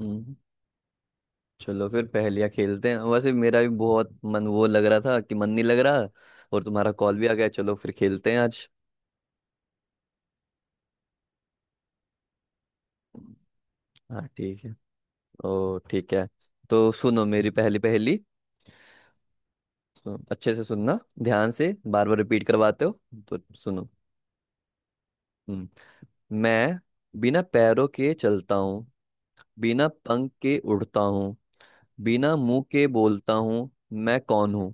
हम्म, चलो फिर पहेलियाँ खेलते हैं। वैसे मेरा भी बहुत मन वो लग रहा था कि मन नहीं लग रहा, और तुम्हारा कॉल भी आ गया, चलो फिर खेलते हैं आज। हाँ, ठीक है। ओ, ठीक है। तो सुनो मेरी पहली पहेली। सुनो, अच्छे से सुनना, ध्यान से। बार बार रिपीट करवाते हो। तो सुनो। हम्म, मैं बिना पैरों के चलता हूँ, बिना पंख के उड़ता हूँ, बिना मुंह के बोलता हूँ, मैं कौन हूँ?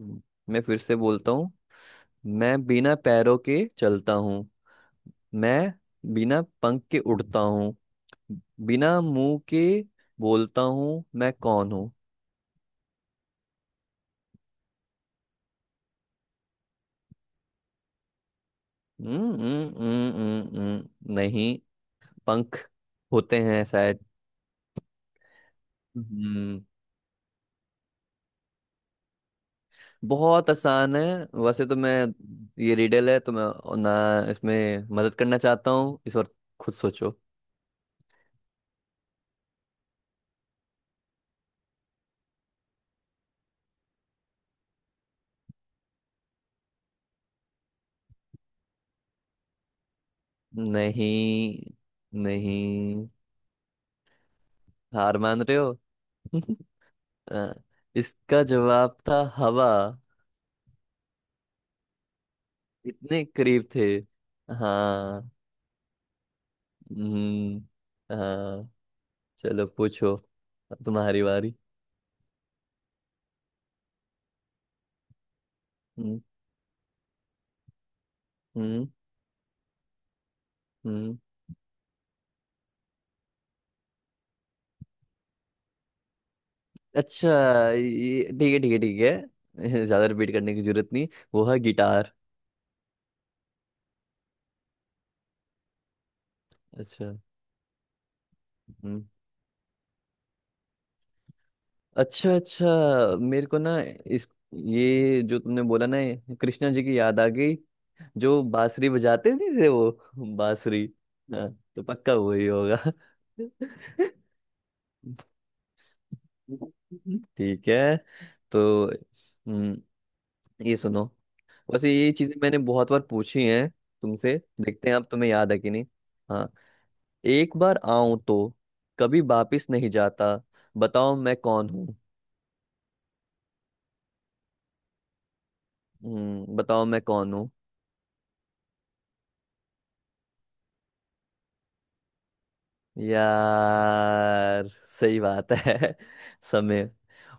हम्म, मैं फिर से बोलता हूँ। मैं बिना पैरों के चलता हूँ। मैं बिना पंख के उड़ता हूँ। बिना मुंह के बोलता हूँ, मैं कौन हूँ? नहीं। पंख होते हैं शायद। हम्म। बहुत आसान है। वैसे तो मैं ये रिडल है, तो मैं ना इसमें मदद करना चाहता हूँ इस बार। खुद सोचो। नहीं, नहीं, हार मान रहे हो? अ, इसका जवाब था हवा। इतने करीब थे। हाँ। हम्म। हाँ। चलो पूछो, अब तुम्हारी बारी। हम्म। हम्म। हम्म। अच्छा, ये ठीक है, ठीक है, ठीक है। ज्यादा रिपीट करने की जरूरत नहीं। वो है गिटार। अच्छा। हम्म। अच्छा, अच्छा। मेरे को ना इस ये जो तुमने बोला ना, ये कृष्णा जी की याद आ गई। जो बांसुरी बजाते नहीं थे वो। बांसुरी। हाँ, तो पक्का वही होगा। ठीक है। तो ये सुनो। बस ये चीजें मैंने बहुत बार पूछी हैं तुमसे, देखते हैं अब तुम्हें याद है कि नहीं। हाँ। एक बार आऊं तो कभी वापिस नहीं जाता, बताओ मैं कौन हूँ? बताओ मैं कौन हूँ? यार, सही बात है। समय।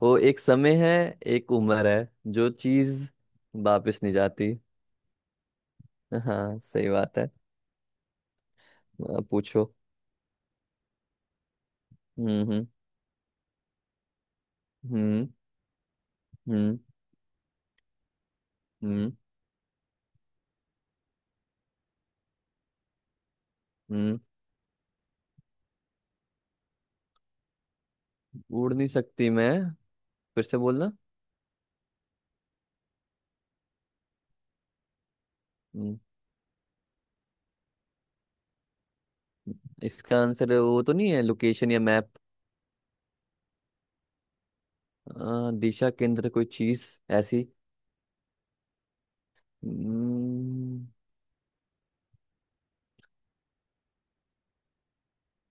वो एक समय है, एक उम्र है जो चीज वापिस नहीं जाती। हाँ, सही बात है। अब पूछो। हम्म। हम्म। हम्म। हम्म। हम्म। हम्म। उड़ नहीं सकती मैं, फिर से बोलना। हम्म, इसका आंसर वो तो नहीं है, लोकेशन या मैप? दिशा केंद्र कोई चीज ऐसी? हम्म,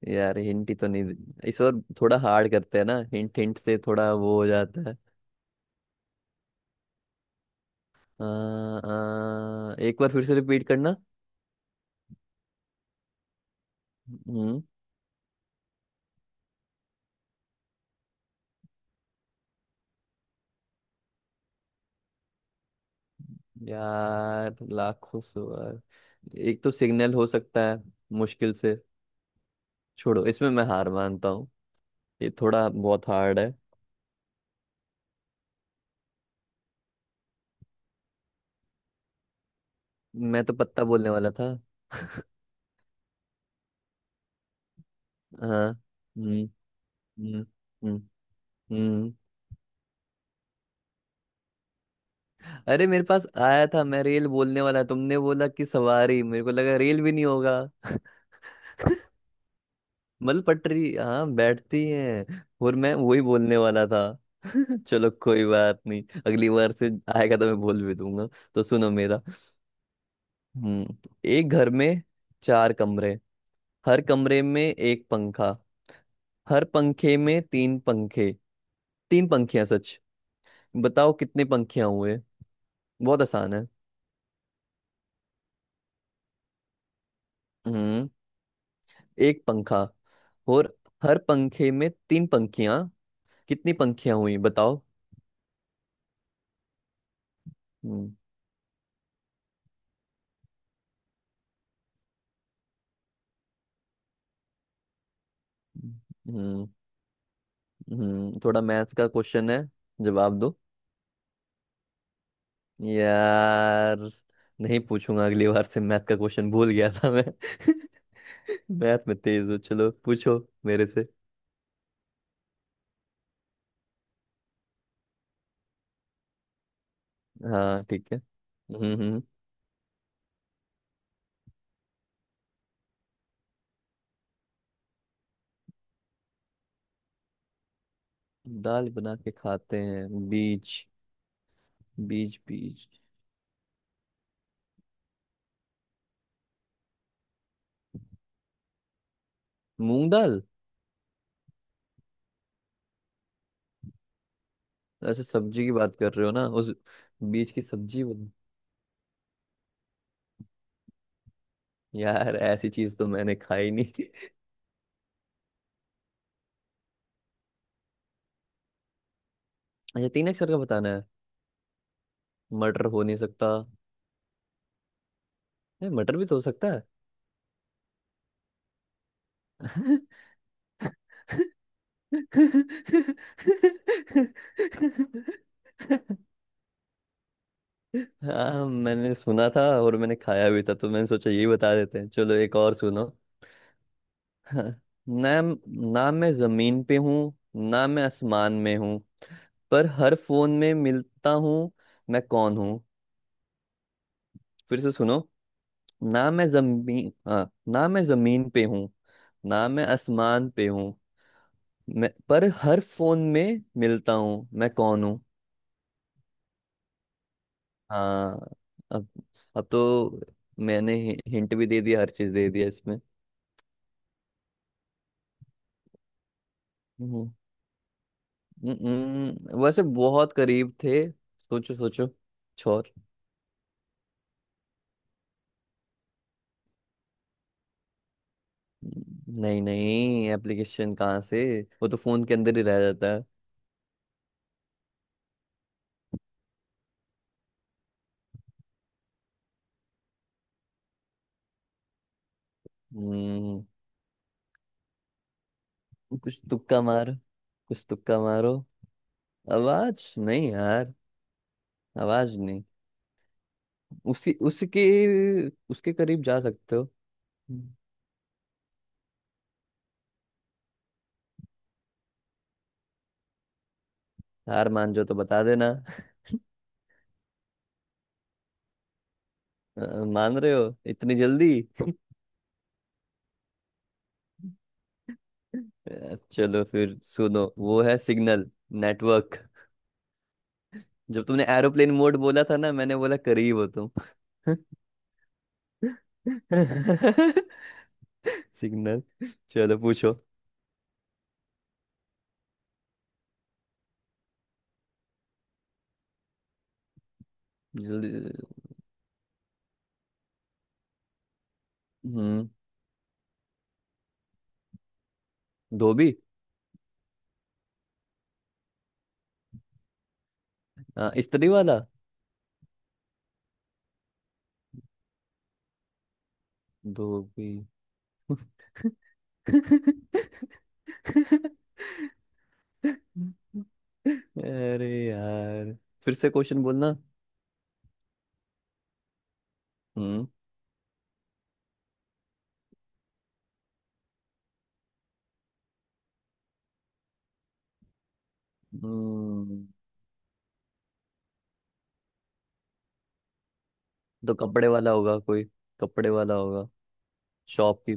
यार हिंट ही तो नहीं दे- इस बार थोड़ा हार्ड करते हैं ना, हिंट हिंट से थोड़ा वो हो जाता है। एक बार फिर से रिपीट करना। हम्म। यार, लाखों सवाल। एक तो सिग्नल हो सकता है, मुश्किल से। छोड़ो, इसमें मैं हार मानता हूँ। ये थोड़ा बहुत हार्ड है। मैं तो पत्ता बोलने वाला था। हाँ। हम्म। हम्म। हम्म। हम्म। अरे, मेरे पास आया था, मैं रेल बोलने वाला, तुमने बोला कि सवारी, मेरे को लगा रेल भी नहीं होगा। मतलब पटरी, हाँ, बैठती है। और मैं वही बोलने वाला था। चलो, कोई बात नहीं, अगली बार से आएगा तो मैं बोल भी दूंगा। तो सुनो मेरा। हम्म। एक घर में चार कमरे, हर कमरे में एक पंखा, हर पंखे में तीन पंखे, तीन पंखियां, सच बताओ कितने पंखियां हुए? बहुत आसान है। हम्म एक पंखा, और हर पंखे में तीन पंखियां, कितनी पंखियां हुई बताओ? हम्म हम्म थोड़ा मैथ्स का क्वेश्चन है, जवाब दो। यार, नहीं पूछूंगा अगली बार से मैथ का क्वेश्चन, भूल गया था मैं। मैथ में तेज हो, चलो पूछो मेरे से। हाँ, ठीक है। हम्म। हम्म। दाल बना के खाते हैं बीज? बीज? बीज? मूंग दाल। ऐसे सब्जी की बात कर रहे हो ना उस, बीज की सब्जी बन-। यार, ऐसी चीज तो मैंने खाई नहीं। अच्छा, तीन अक्षर का बताना है। मटर हो नहीं सकता, है मटर भी तो हो सकता है। हाँ, मैंने सुना था और मैंने खाया भी था, तो मैंने सोचा यही बता देते हैं, चलो एक और सुनो। हाँ, ना ना मैं जमीन पे हूँ, ना मैं आसमान में हूँ, पर हर फोन में मिलता हूँ, मैं कौन हूँ? फिर से सुनो। ना मैं जमीन हाँ, ना मैं जमीन पे हूँ, ना मैं आसमान पे हूँ, मैं पर हर फोन में मिलता हूँ, मैं कौन हूँ? हाँ। अब अब तो मैंने हिंट भी दे दिया, हर चीज दे दिया इसमें। हम्म, वैसे बहुत करीब थे। सोचो, सोचो। छोर। नहीं, नहीं, एप्लीकेशन कहाँ से, वो तो फोन के अंदर ही रह जाता है। हम्म, कुछ तुक्का मार कुछ तुक्का मारो। आवाज नहीं यार, आवाज नहीं। उसी उसके उसके करीब जा सकते हो। हार मान जो तो बता देना। मान रहे हो इतनी जल्दी? चलो फिर सुनो, वो है सिग्नल, नेटवर्क। जब तुमने एरोप्लेन मोड बोला था ना, मैंने बोला करीब हो तुम। सिग्नल। चलो पूछो। जल्दी। हम्म। धोबी। इस्त्री वाला। धोबी। अरे यार, फिर से क्वेश्चन बोलना। हम्म हम्म, तो कपड़े वाला होगा कोई, कपड़े वाला होगा, शॉप की।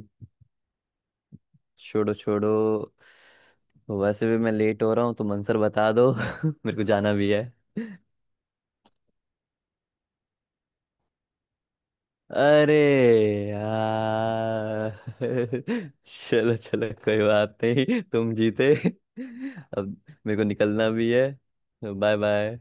छोड़ो, छोड़ो। वैसे भी मैं लेट हो रहा हूँ, तो मंसर बता दो। मेरे को जाना भी है। अरे यार। चलो, चलो, कोई बात नहीं, तुम जीते। अब मेरे को निकलना भी है। Bye bye.